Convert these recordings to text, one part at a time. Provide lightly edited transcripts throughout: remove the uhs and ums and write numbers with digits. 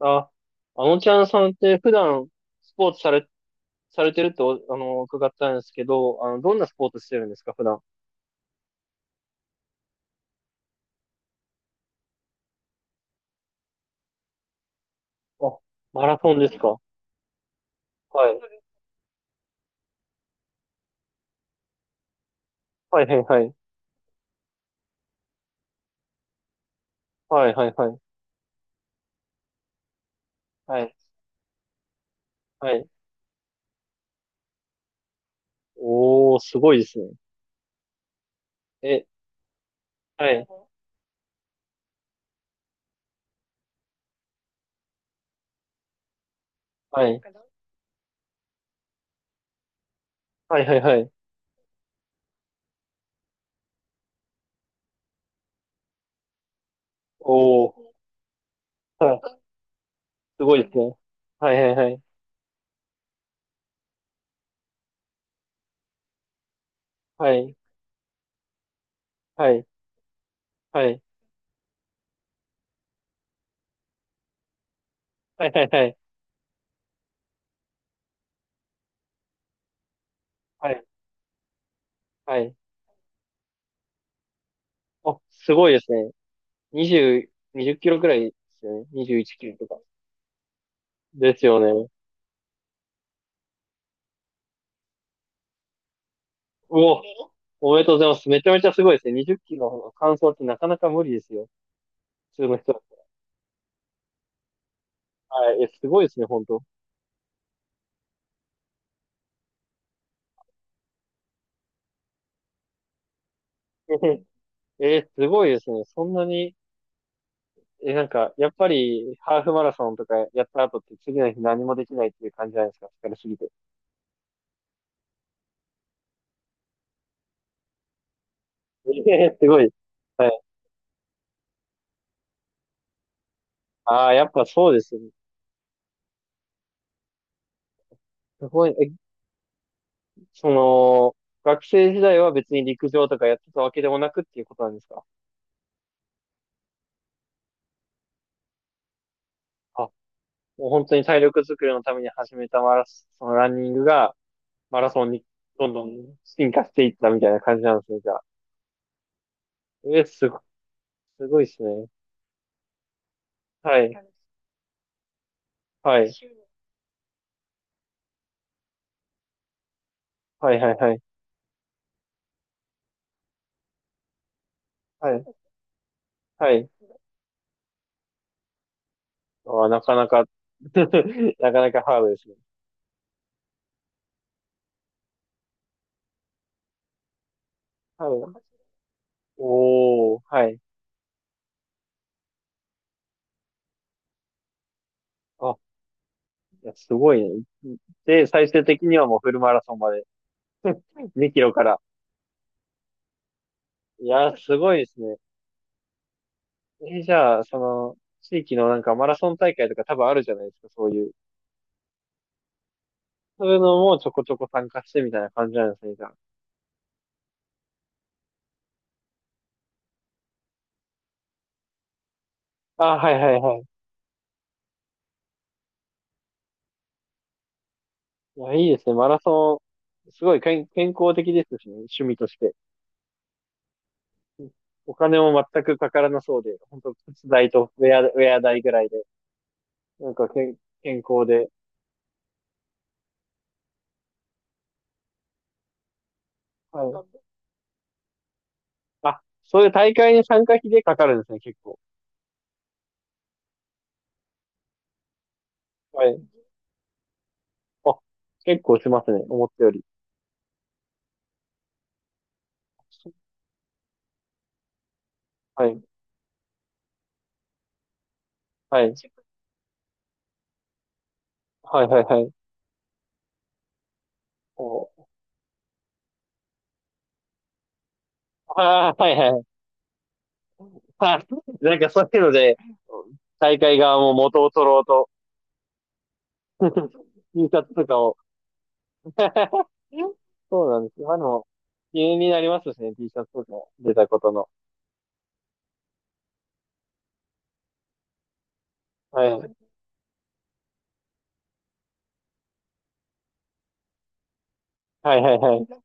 あ、あのちゃんさんって普段スポーツされてると、伺ったんですけど、どんなスポーツしてるんですか、普段。あ、マラソンですか。はい。はいはいはい。はいはいはい。はい。はい。おー、すごいですね。え、はい。はい。はいはいはい。おー、はい。すごいですね。はいはいはい。はい。はい。はい。はいはいはい。はい。はい。あ、すごいですね。20、20キロくらいですよね。21キロとか。ですよね。うお。おめでとうございます。めちゃめちゃすごいですね。20キロの完走ってなかなか無理ですよ。普通の人は。はい。え、すごいですね、本当。すごいですね。そんなに、え、なんか、やっぱり、ハーフマラソンとかやった後って次の日何もできないっていう感じじゃないですか。疲れすぎて。すごい。はい。ああ、やっぱそうですね。すごい。え、その、学生時代は別に陸上とかやってたわけでもなくっていうことなんですか？あ、もう本当に体力作りのために始めたマラソン、そのランニングが、マラソンにどんどん進化していったみたいな感じなんですね、じゃあ。えー、すご、すごいですね。はい、はい、はい、はい、はい、はい、はい。あー、なかなか なかなかハードですね。ハードおー、はい。あ、いや、すごいね。で、最終的にはもうフルマラソンまで2キロから。いや、すごいですね。じゃあ、地域のなんかマラソン大会とか多分あるじゃないですか、そういう。そういうのもちょこちょこ参加してみたいな感じなんですね、じゃあ。あ、はいはいはい。いや、いいですね。マラソン、すごい健康的ですしね、趣味として。うん。お金も全くかからなそうで、本当靴代とウェア代ぐらいで、なんか健康で。はい。あ、そういう大会に参加費でかかるんですね、結構。はい。あ、結構しますね、思ったより。はい。はい。はい、はい、はい。おああ、はいはい。あ、なんかそういうので、大会側も元を取ろうと、印刷とかを そうなんですよ。まあの、気になりますしね、T シャツとか出たことの。はい。はいはいはい。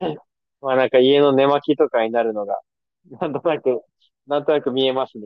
まあなんか家の寝巻きとかになるのが、なんとなく、なんとなく見えますね。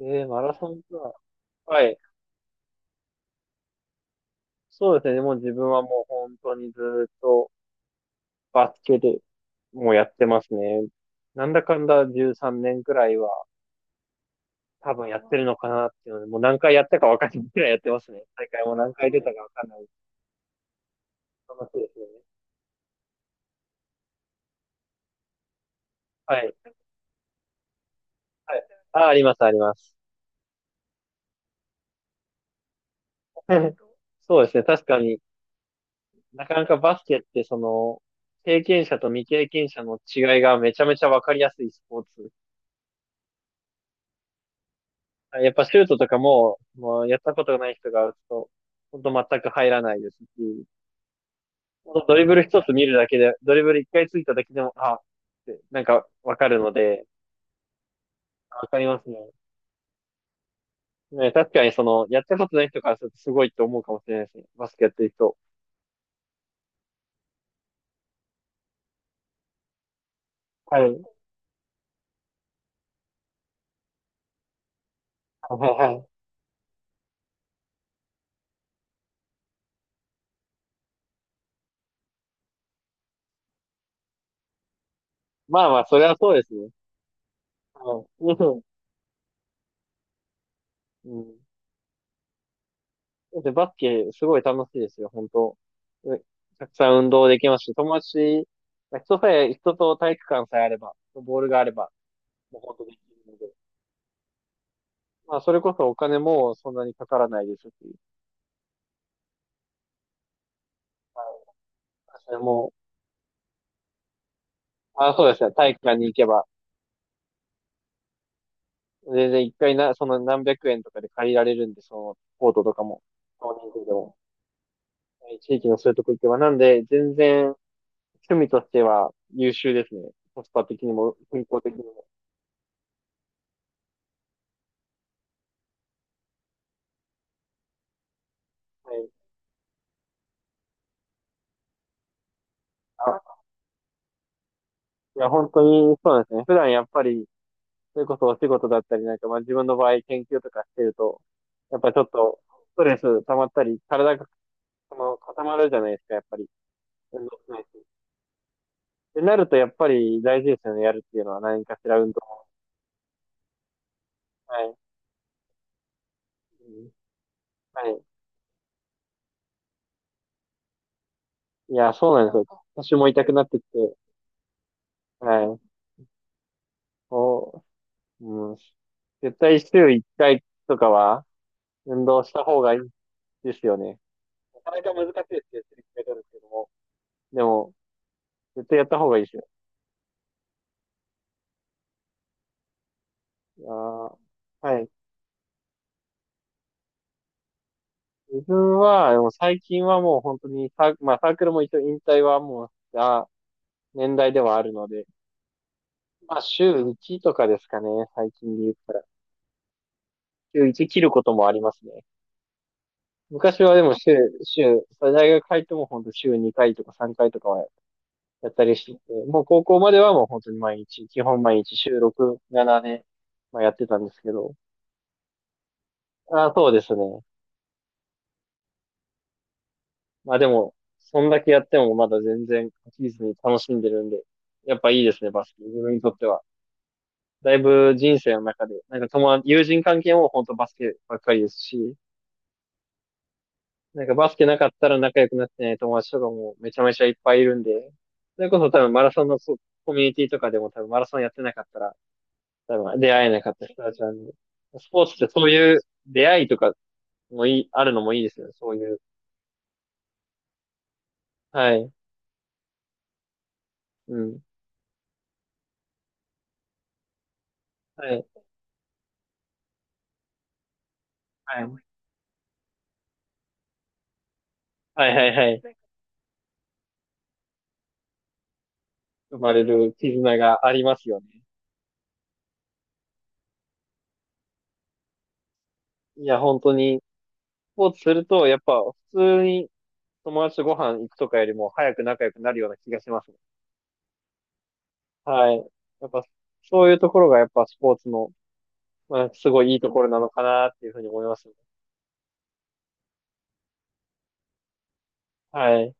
マラソンか。はい。そうですね。もう自分はもう本当にずっとバスケでもうやってますね。なんだかんだ13年くらいは多分やってるのかなっていうので、もう何回やったかわかんないくらいやってますね。大会も何回出たかわかんない。楽しいですよね。はい。はい。あ、あります、あります。そうですね。確かになかなかバスケって経験者と未経験者の違いがめちゃめちゃわかりやすいスポーツ。はい。やっぱシュートとかも、もうやったことがない人が打つと、ほんと全く入らないですし、ほんとドリブル一つ見るだけで、ドリブル一回ついただけでも、あ、ってなんかわかるので、わかりますね。ね、確かにやったことない人からするとすごいと思うかもしれないですね。バスケやってる人。はい。はいはいはい。まあまあ、それはそうですね。はい。うん。うん。で、バスケ、すごい楽しいですよ、本当。うたくさん運動できますし、友達、まあ人さえ、人と体育館さえあれば、ボールがあれば、もう本当できるので。まあ、それこそお金もそんなにかからないですし、はい。それも、あ、そうですね、体育館に行けば、全然一回な、その何百円とかで借りられるんで、その、コートとかも、少人数でも、はい。地域のそういうとこ行けば、なんで、全然、趣味としては優秀ですね。コスパ的にも、健康的にも。はい。あ、いや、本当にそうなんですね。普段やっぱり、それこそお仕事だったりなんか、まあ自分の場合研究とかしてると、やっぱちょっとストレス溜まったり、体が固まるじゃないですか、やっぱり。運動しないし。ってなると、やっぱり大事ですよね、やるっていうのは何かしら運動。はい。うん。はい。いや、そうなんですよ。腰も痛くなってきて、はい。こう、うん。絶対週1回とかは運動した方がいいですよね。なかなか難しいですけど、取るけども。絶対やった方がいいですよ。あー、はい。自分は、でも最近はもう本当にまあサークルも一応引退はもうした年代ではあるので、まあ週1とかですかね、最近で言ったら。週1切ることもありますね。昔はでも大学入っても本当週2回とか3回とかはやったりしてて、もう高校まではもう本当に毎日、基本毎日週6、7で、まあ、やってたんですけど、あー、そうですね。まあでも、そんだけやってもまだ全然飽きずに楽しんでるんで、やっぱいいですね、バスケ。自分にとっては。だいぶ人生の中で、なんか友達、友人関係も本当バスケばっかりですし、なんかバスケなかったら仲良くなってない友達とかもめちゃめちゃいっぱいいるんで、それこそ多分マラソンのコミュニティとかでも多分マラソンやってなかったら、多分出会えなかった人たちなんで、スポーツってそういう出会いとかもいい、あるのもいいですよね、そういう。はい。うん。はい。はい。はいはいはい。生まれる絆がありますよね。いや、本当に、スポーツすると、やっぱ普通に友達とご飯行くとかよりも早く仲良くなるような気がしますね。はい。やっぱ、そういうところがやっぱスポーツの、まあ、すごいいいところなのかなっていうふうに思いますね。はい。